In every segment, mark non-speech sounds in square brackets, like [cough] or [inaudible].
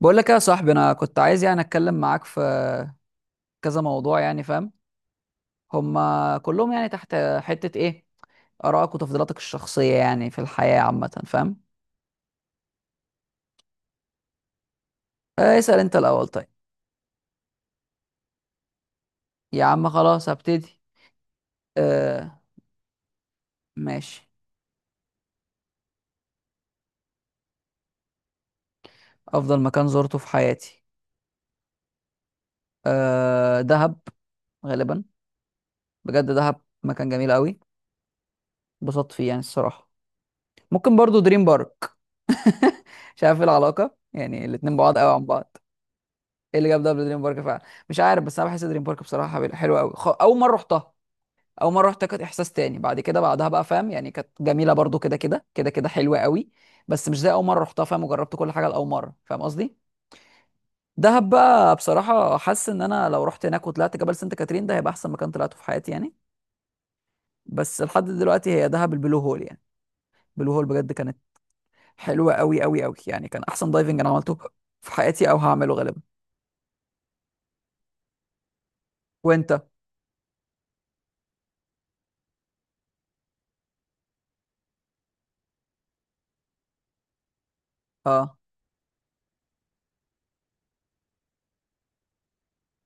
بقول لك يا صاحبي، انا كنت عايز اتكلم معاك في كذا موضوع، يعني فاهم؟ هما كلهم يعني تحت حتة ايه؟ ارائك وتفضيلاتك الشخصية يعني في الحياة عامة، فاهم؟ اسأل انت الاول، طيب. يا عم خلاص هبتدي. آه، ماشي. افضل مكان زرته في حياتي آه دهب غالبا. بجد دهب مكان جميل قوي، اتبسطت فيه يعني الصراحة. ممكن برضو دريم بارك. [laughs] مش عارف ايه العلاقة، يعني الاتنين بعاد قوي عن بعض. ايه اللي جاب دبل دريم بارك فعلا؟ مش عارف، بس انا بحس دريم بارك بصراحه حلوه قوي. اول مره رحتها، اول مره رحتها كانت احساس تاني. بعد كده بعدها بقى فاهم يعني كانت جميله برضو كده كده كده كده، حلوه قوي. بس مش زي اول مره رحتها، فاهم؟ وجربت كل حاجه لاول مره، فاهم قصدي. دهب بقى بصراحه حاسس ان انا لو رحت هناك وطلعت جبل سانت كاترين، ده هيبقى احسن مكان طلعته في حياتي يعني. بس لحد دلوقتي هي دهب، البلو هول يعني. البلو هول بجد كانت حلوه قوي قوي قوي، يعني كان احسن دايفنج انا عملته في حياتي او هعمله غالبا. وانت؟ اه،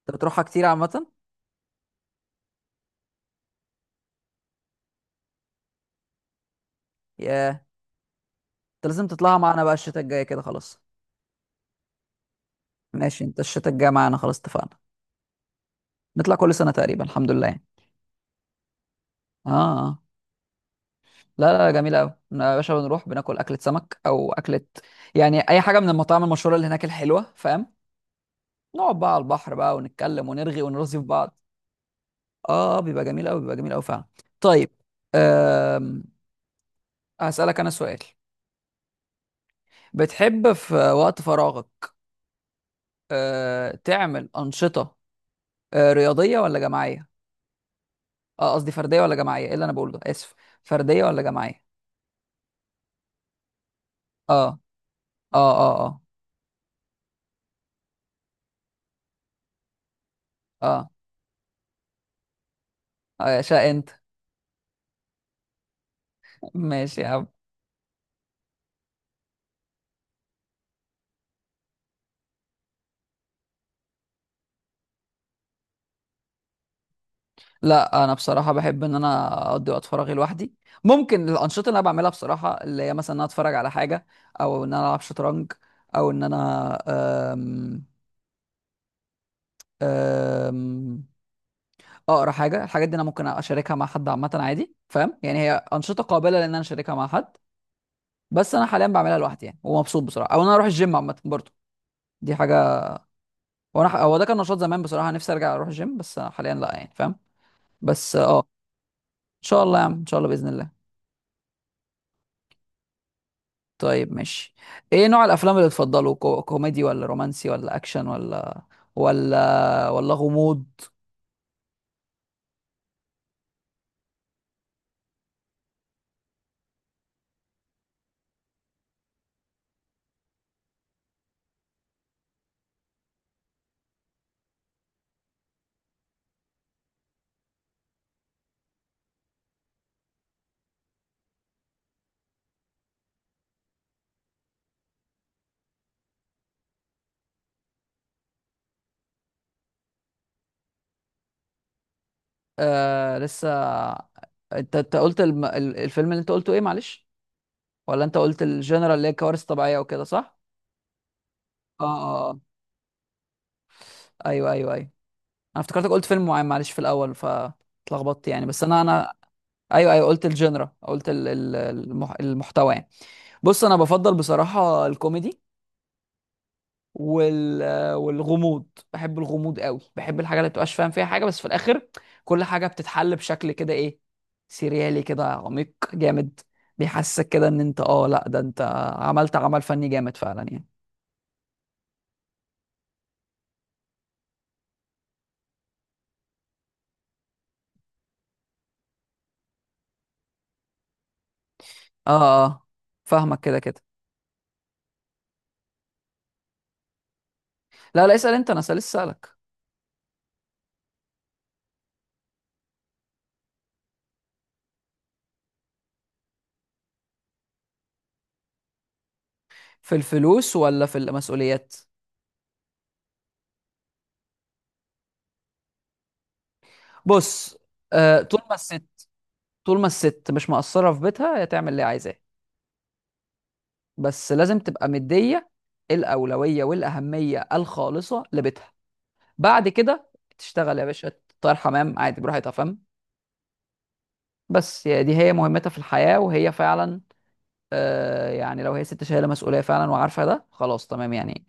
انت بتروحها كتير عامه؟ ياه. انت لازم تطلعها معانا بقى الشتاء الجاي كده، خلاص. ماشي، انت الشتاء الجاي معانا، خلاص اتفقنا. نطلع كل سنة تقريبا، الحمد لله يعني. اه، اه. لا لا، جميلة قوي يا باشا. بنروح بناكل أكلة سمك أو أكلة يعني أي حاجة من المطاعم المشهورة اللي هناك الحلوة، فاهم؟ نقعد بقى على البحر بقى ونتكلم، ونرغي ونرغي في بعض. اه، بيبقى جميل قوي، بيبقى جميل قوي فعلا. طيب. أم... هسألك أنا سؤال. بتحب في وقت فراغك تعمل أنشطة رياضية ولا جماعية؟ اه قصدي فرديه ولا جماعيه، ايه اللي انا بقوله ده، اسف. فرديه ولا جماعيه؟ اه اه اه اه اه. شاء انت. ماشي يا عم. لا انا بصراحه بحب ان انا اقضي وقت فراغي لوحدي. ممكن الانشطه اللي انا بعملها بصراحه، اللي هي مثلا ان انا اتفرج على حاجه، او ان انا العب شطرنج، او ان انا أم أم اقرا حاجه. الحاجات دي انا ممكن اشاركها مع حد عامه عادي، فاهم يعني؟ هي انشطه قابله لان انا اشاركها مع حد، بس انا حاليا بعملها لوحدي يعني ومبسوط بصراحه. او ان انا اروح الجيم عامه برضه، دي حاجه. هو ده كان نشاط زمان بصراحه، نفسي ارجع اروح الجيم، بس حاليا لا يعني، فاهم؟ بس اه ان شاء الله يا عم، ان شاء الله باذن الله. طيب ماشي. ايه نوع الافلام اللي تفضله؟ كوميدي ولا رومانسي ولا اكشن ولا غموض؟ آه لسه. انت انت قلت الفيلم اللي انت قلته ايه، معلش؟ ولا انت قلت الجنرال اللي هي كوارث طبيعيه وكده، صح؟ اه اه آه. ايوه ايوه ايوه. انا افتكرتك قلت فيلم معين معلش في الاول، فاتلخبطت يعني. بس انا انا ايوه ايوه، قلت الجنرا، قلت المحتوى يعني. بص انا بفضل بصراحه الكوميدي وال... والغموض. بحب الغموض قوي، بحب الحاجه اللي بتبقاش فاهم فيها حاجه، بس في الاخر كل حاجه بتتحل بشكل كده ايه، سيريالي كده، عميق جامد، بيحسسك كده ان انت اه لا ده انت عملت عمل فني جامد فعلا يعني. اه اه آه. فاهمك كده كده. لا لا، اسال انت، انا لسه اسالك. في الفلوس ولا في المسؤوليات؟ بص. آه طول ما الست، طول ما الست مش مقصره في بيتها، هي تعمل اللي عايزاه، بس لازم تبقى مدية الأولوية والأهمية الخالصة لبيتها. بعد كده تشتغل يا باشا، تطير حمام عادي براحتها، فاهم؟ بس يا دي هي مهمتها في الحياة، وهي فعلا آه يعني لو هي ست شايلة مسؤولية فعلا وعارفة ده، خلاص تمام يعني.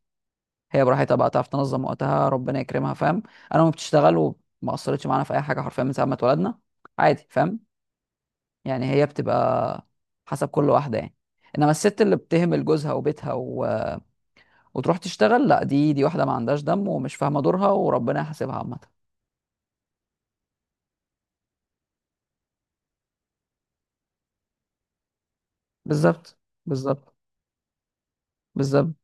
هي براحتها بقى، تعرف تنظم وقتها، ربنا يكرمها، فاهم؟ أنا ما بتشتغل وما أثرتش معانا في أي حاجة حرفيا من ساعة ما اتولدنا، عادي، فاهم؟ يعني هي بتبقى حسب كل واحدة يعني. إنما الست اللي بتهمل جوزها وبيتها وتروح تشتغل، لا دي، دي واحده ما عندهاش دم ومش فاهمه دورها، وربنا يحاسبها عامه. بالظبط، بالظبط، بالظبط.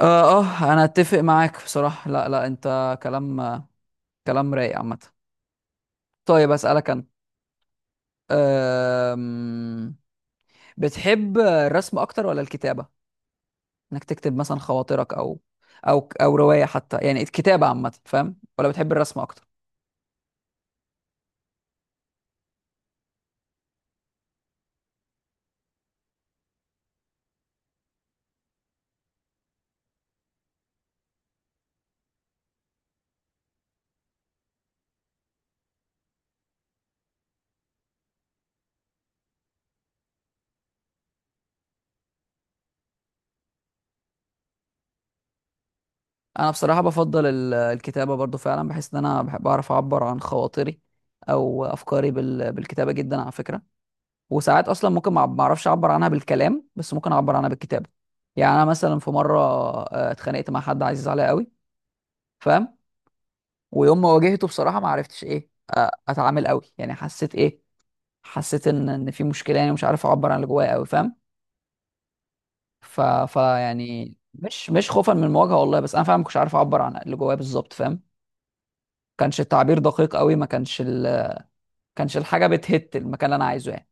اه اه، انا اتفق معاك بصراحه. لا لا انت كلام، كلام رايق عامه. طيب اسالك انا. أم... بتحب الرسم اكتر ولا الكتابه؟ انك تكتب مثلا خواطرك، او او روايه حتى، يعني الكتابه عامه، فاهم، ولا بتحب الرسم اكتر؟ انا بصراحه بفضل الكتابه برضو فعلا، بحس ان انا بحب اعرف اعبر عن خواطري او افكاري بالكتابه جدا على فكره. وساعات اصلا ممكن ما اعرفش اعبر عنها بالكلام، بس ممكن اعبر عنها بالكتابه. يعني انا مثلا في مره اتخانقت مع حد عزيز عليا قوي، فاهم؟ ويوم ما واجهته بصراحه ما عرفتش ايه اتعامل قوي يعني، حسيت ايه، حسيت ان في مشكله، يعني مش عارف اعبر عن اللي جوايا قوي، فاهم؟ ف... ف يعني مش خوفا من المواجهه والله، بس انا فعلا ما كنتش عارف اعبر عن اللي جوايا بالظبط، فاهم؟ كانش التعبير دقيق قوي، ما كانش كانش الحاجه بتهت المكان اللي انا عايزه يعني.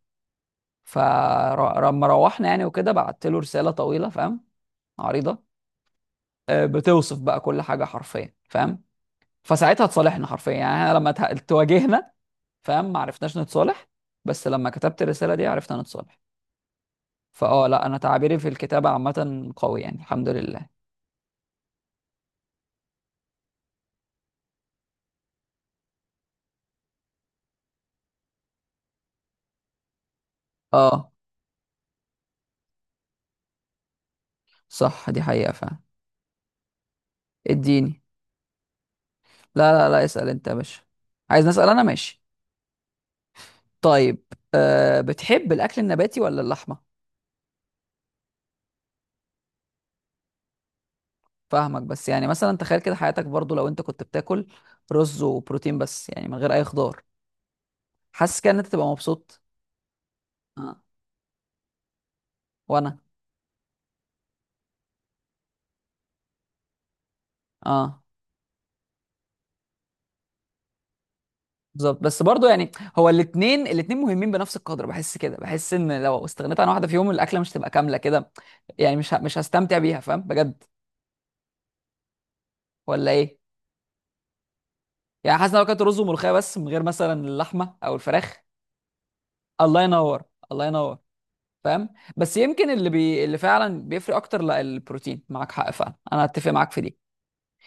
فلما روحنا يعني وكده، بعت له رساله طويله، فاهم، عريضه، بتوصف بقى كل حاجه حرفيا، فاهم؟ فساعتها اتصالحنا حرفيا يعني. احنا لما تواجهنا، فاهم، ما عرفناش نتصالح، بس لما كتبت الرساله دي عرفنا نتصالح. فاه لا انا تعبيري في الكتابه عامه قوي يعني، الحمد لله. اه. صح، دي حقيقه فعلا. اديني. لا لا لا، اسال انت يا باشا. عايز نسال انا، ماشي. طيب. أه بتحب الاكل النباتي ولا اللحمه؟ فاهمك، بس يعني مثلا تخيل كده حياتك برضو لو انت كنت بتاكل رز وبروتين بس، يعني من غير اي خضار، حاسس كده ان انت تبقى مبسوط؟ اه، وانا. اه بالظبط، بس برضو يعني هو الاتنين، الاتنين مهمين بنفس القدر. بحس كده، بحس ان لو استغنيت عن واحده فيهم الاكله مش تبقى كامله كده يعني. مش هستمتع بيها، فاهم بجد؟ ولا ايه؟ يعني حاسس إن لو كانت رز وملوخيه بس من غير مثلا اللحمه او الفراخ. الله ينور، الله ينور. فاهم. بس يمكن اللي فعلا بيفرق اكتر لا البروتين، معاك حق فعلا، انا اتفق معاك في دي.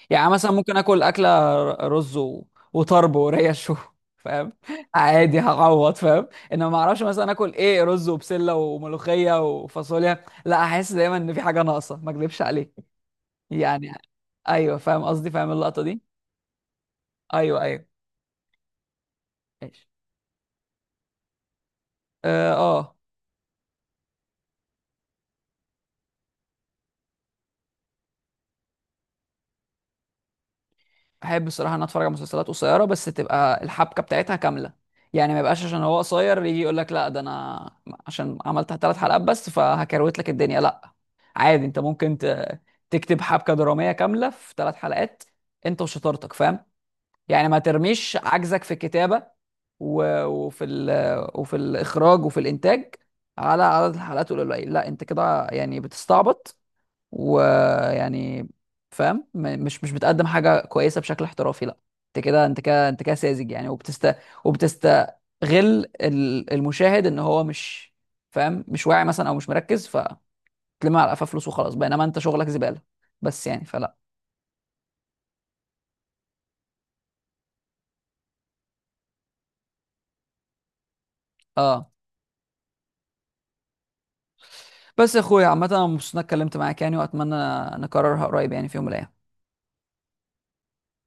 يعني مثلا ممكن اكل اكله رز وطرب وريش [laughs] فاهم. عادي، هعوض، فاهم. انما ما اعرفش مثلا اكل ايه، رز وبسله وملوخيه وفاصوليا، لا احس دايما ان في حاجه ناقصه، ما اكذبش عليك يعني. ايوه فاهم قصدي، فاهم اللقطه دي. ايوه ايوه. ماشي. اه آه. احب الصراحه ان أنا اتفرج على مسلسلات قصيره، بس تبقى الحبكه بتاعتها كامله. يعني ما يبقاش عشان هو قصير يجي يقول لك لا ده انا عشان عملت 3 حلقات بس فهكروت لك الدنيا، لا. عادي انت ممكن تكتب حبكه دراميه كامله في 3 حلقات، انت وشطارتك، فاهم؟ يعني ما ترميش عجزك في الكتابه وفي الاخراج وفي الانتاج على عدد الحلقات القليل. لا انت كده يعني بتستعبط ويعني، فاهم؟ مش بتقدم حاجه كويسه بشكل احترافي، لا. انت كده، انت كده، انت كده ساذج يعني، وبتستغل المشاهد ان هو مش فاهم، مش واعي مثلا او مش مركز، فتلم على قفاه فلوس وخلاص، بينما انت شغلك زباله بس يعني. فلا. اه. بس يا اخويا عامه انا مبسوط اني اتكلمت معاك يعني، واتمنى نكررها قريب يعني في يوم من الايام.